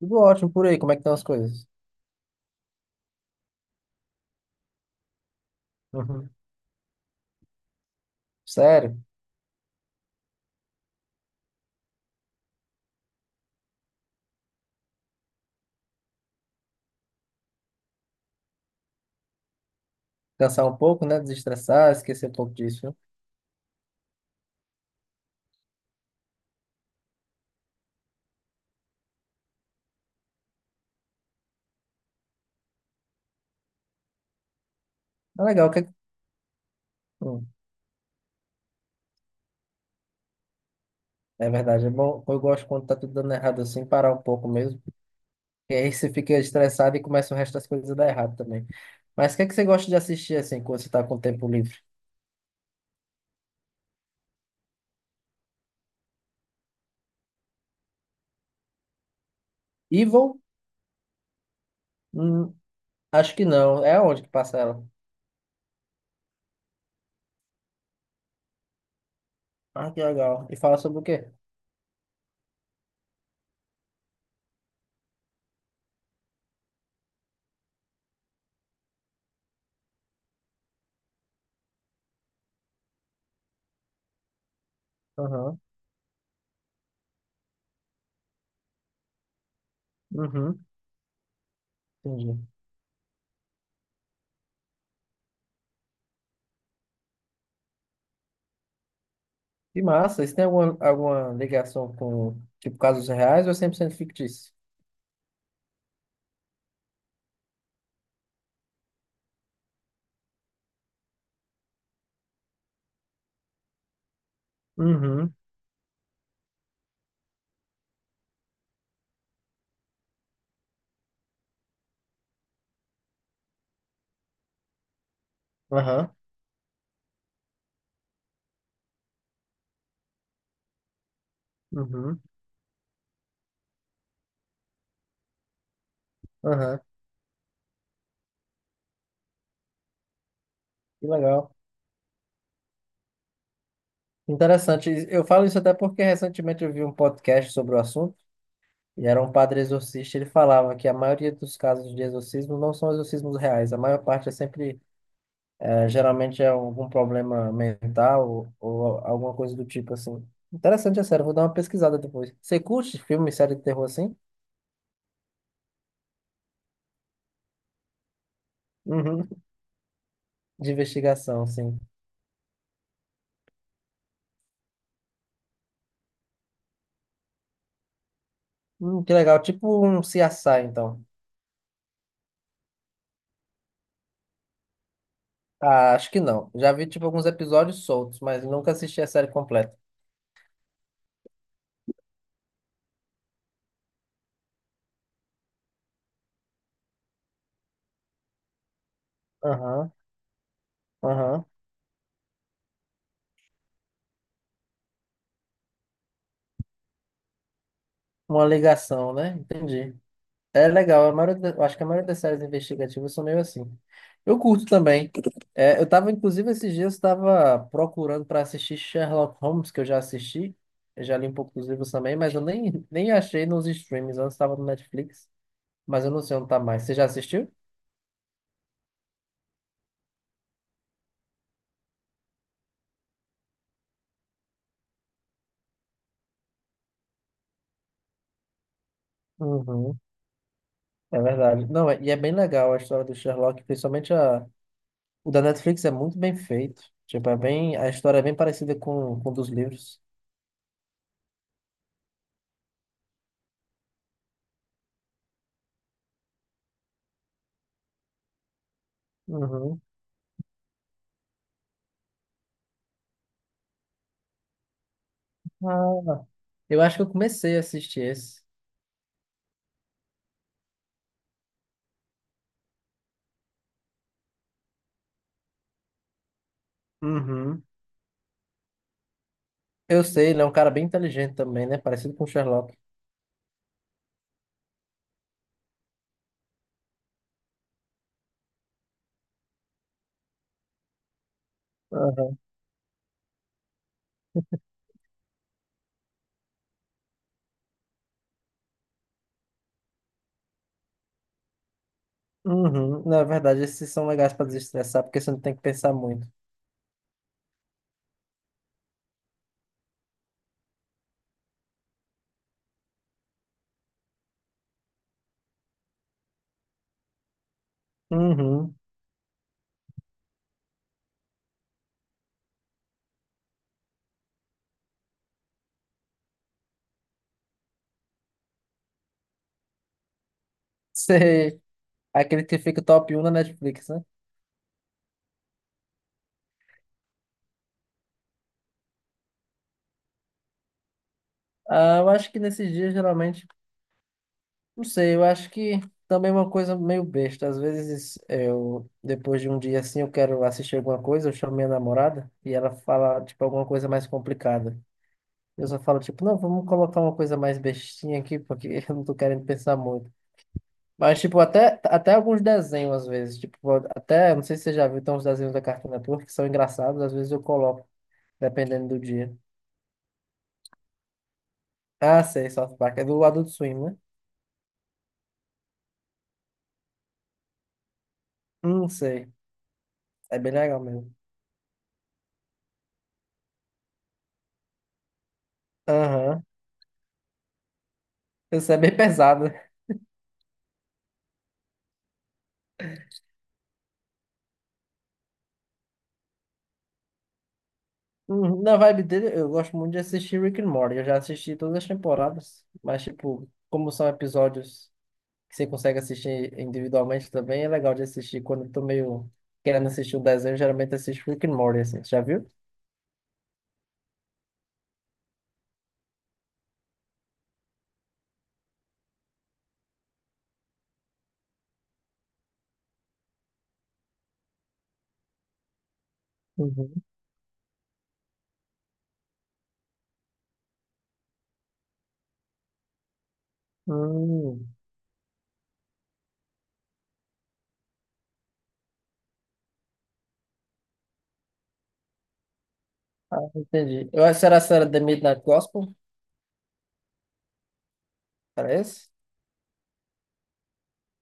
Tudo ótimo por aí, como é que estão as coisas? Uhum. Sério? Cansar um pouco, né? Desestressar, esquecer um pouco disso, viu? Tá legal, o que- Hum, é verdade, é bom. Eu gosto quando tá tudo dando errado assim, parar um pouco mesmo. E aí você fica estressado e começa o resto das coisas a dar errado também. Mas o que é que você gosta de assistir assim, quando você tá com tempo livre? Evil? Hum, acho que não. É onde que passa ela? Ah, que legal. E fala sobre o quê? Aham. Uhum. Entendi. Que massa. Isso tem alguma, alguma ligação com, tipo, casos reais ou é 100% fictício? Uhum, aham, uhum, aham. Que legal. Interessante. Eu falo isso até porque recentemente eu vi um podcast sobre o assunto e era um padre exorcista. Ele falava que a maioria dos casos de exorcismo não são exorcismos reais. A maior parte é sempre, geralmente é algum problema mental ou alguma coisa do tipo assim. Interessante, é sério. Vou dar uma pesquisada depois. Você curte filme, série de terror assim? Uhum. De investigação, assim. Que legal. Tipo um CSI, então. Ah, acho que não. Já vi, tipo, alguns episódios soltos, mas nunca assisti a série completa. Aham, aham. Uma ligação, né? Entendi. É legal. A maioria, da- eu acho que a maioria das séries investigativas são meio assim. Eu curto também. É, eu tava, inclusive, esses dias, estava procurando para assistir Sherlock Holmes, que eu já assisti. Eu já li um pouco dos livros também, mas eu nem, nem achei nos streams. Antes estava no Netflix, mas eu não sei onde tá mais. Você já assistiu? Uhum, é verdade. Não, é- e é bem legal a história do Sherlock, principalmente a. O da Netflix é muito bem feito. Tipo, é bem, a história é bem parecida com dos livros. Uhum. Ah, eu acho que eu comecei a assistir esse. Uhum. Eu sei, ele é um cara bem inteligente também, né? Parecido com o Sherlock. Aham. Uhum. Na verdade, esses são legais pra desestressar, porque você não tem que pensar muito. Uhum. Sei. Aquele que fica top um na Netflix, né? Ah, eu acho que nesses dias, geralmente, não sei, eu acho que também é uma coisa meio besta. Às vezes eu, depois de um dia assim, eu quero assistir alguma coisa, eu chamo minha namorada e ela fala, tipo, alguma coisa mais complicada. Eu só falo, tipo, não, vamos colocar uma coisa mais bestinha aqui, porque eu não tô querendo pensar muito. Mas, tipo, até, até alguns desenhos, às vezes, tipo, até, não sei se você já viu, tem uns desenhos da Cartoon Network que são engraçados, às vezes eu coloco, dependendo do dia. Ah, sei, South Park, é do Adult Swim, né? Não sei, é bem legal mesmo. Aham. Isso é bem pesado. Uhum. Na vibe dele, eu gosto muito de assistir Rick and Morty. Eu já assisti todas as temporadas, mas, tipo, como são episódios que você consegue assistir individualmente também, é legal de assistir. Quando eu tô meio querendo assistir um desenho, eu geralmente assisto Rick and Morty, assim. Você já viu? Uhum. Hum. Ah, entendi. Eu acho que era, se era The Midnight Gospel, parece?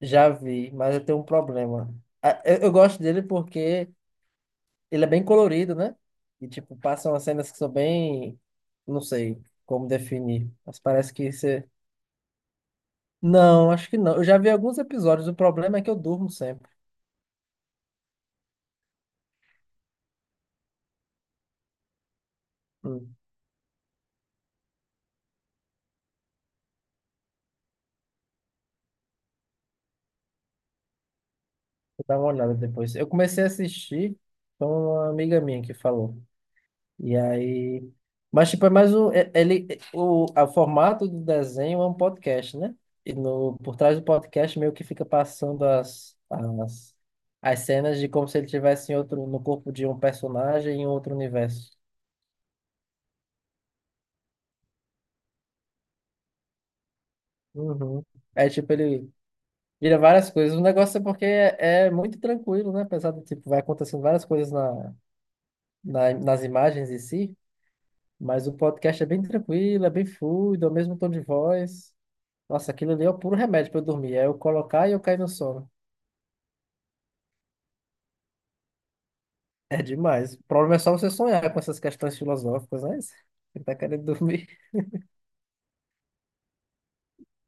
Já vi, mas eu tenho um problema. Ah, eu gosto dele porque ele é bem colorido, né? E, tipo, passam as cenas que são bem... não sei como definir, mas parece que você... Não, acho que não. Eu já vi alguns episódios, o problema é que eu durmo sempre. Hum, vou dar uma olhada depois. Eu comecei a assistir, com uma amiga minha que falou. E aí. Mas, tipo, é mais um. É- Ele, o formato do desenho é um podcast, né? E no, por trás do podcast meio que fica passando as cenas de como se ele tivesse em outro, no corpo de um personagem em outro universo. Uhum. É tipo, ele vira várias coisas. O negócio é porque é, é muito tranquilo, né? Apesar de, tipo, vai acontecendo várias coisas nas imagens em si, mas o podcast é bem tranquilo, é bem fluido, é o mesmo tom de voz. Nossa, aquilo ali é o puro remédio pra eu dormir. É eu colocar e eu cair no sono. É demais. O problema é só você sonhar com essas questões filosóficas, né? Você tá querendo dormir.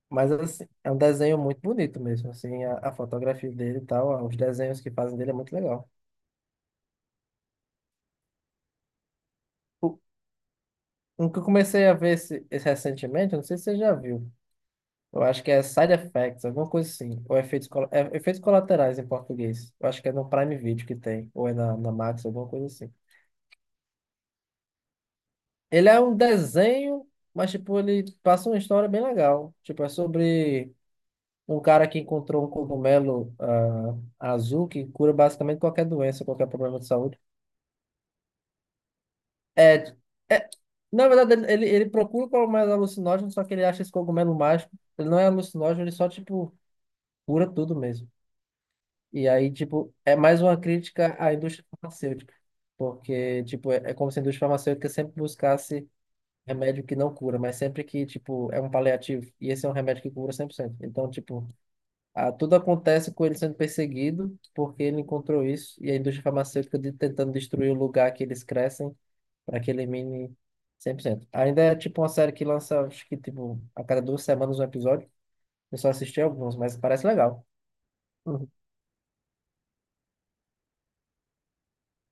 Mas assim, é um desenho muito bonito mesmo. Assim, a fotografia dele e tal, os desenhos que fazem dele é muito legal. O, um que eu comecei a ver esse, esse recentemente, eu não sei se você já viu. Eu acho que é Side Effects, alguma coisa assim. Ou efeitos, colo- é, efeitos colaterais em português. Eu acho que é no Prime Video que tem. Ou é na Max, alguma coisa assim. Ele é um desenho, mas tipo, ele passa uma história bem legal. Tipo, é sobre um cara que encontrou um cogumelo azul que cura basicamente qualquer doença, qualquer problema de saúde. É, é, na verdade, ele, ele procura o cogumelo alucinógeno, só que ele acha esse cogumelo mágico. Ele não é alucinógeno, ele só, tipo, cura tudo mesmo. E aí, tipo, é mais uma crítica à indústria farmacêutica. Porque, tipo, é, é como se a indústria farmacêutica sempre buscasse remédio que não cura, mas sempre que, tipo, é um paliativo. E esse é um remédio que cura 100%. Então, tipo, tudo acontece com ele sendo perseguido porque ele encontrou isso e a indústria farmacêutica de, tentando destruir o lugar que eles crescem para que elimine 100%. Ainda é, tipo, uma série que lança, acho que, tipo, a cada 2 semanas um episódio. Eu só assisti alguns, mas parece legal. Uhum.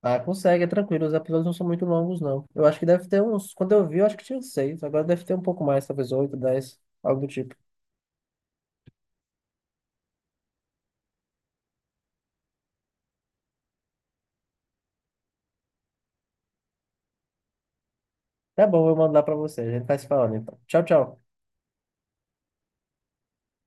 Ah, consegue, é tranquilo. Os episódios não são muito longos, não. Eu acho que deve ter uns. Quando eu vi, eu acho que tinha uns seis. Agora deve ter um pouco mais, talvez oito, 10, algo do tipo. Tá bom, eu mando lá pra você. A gente vai se falando então. Tchau, tchau.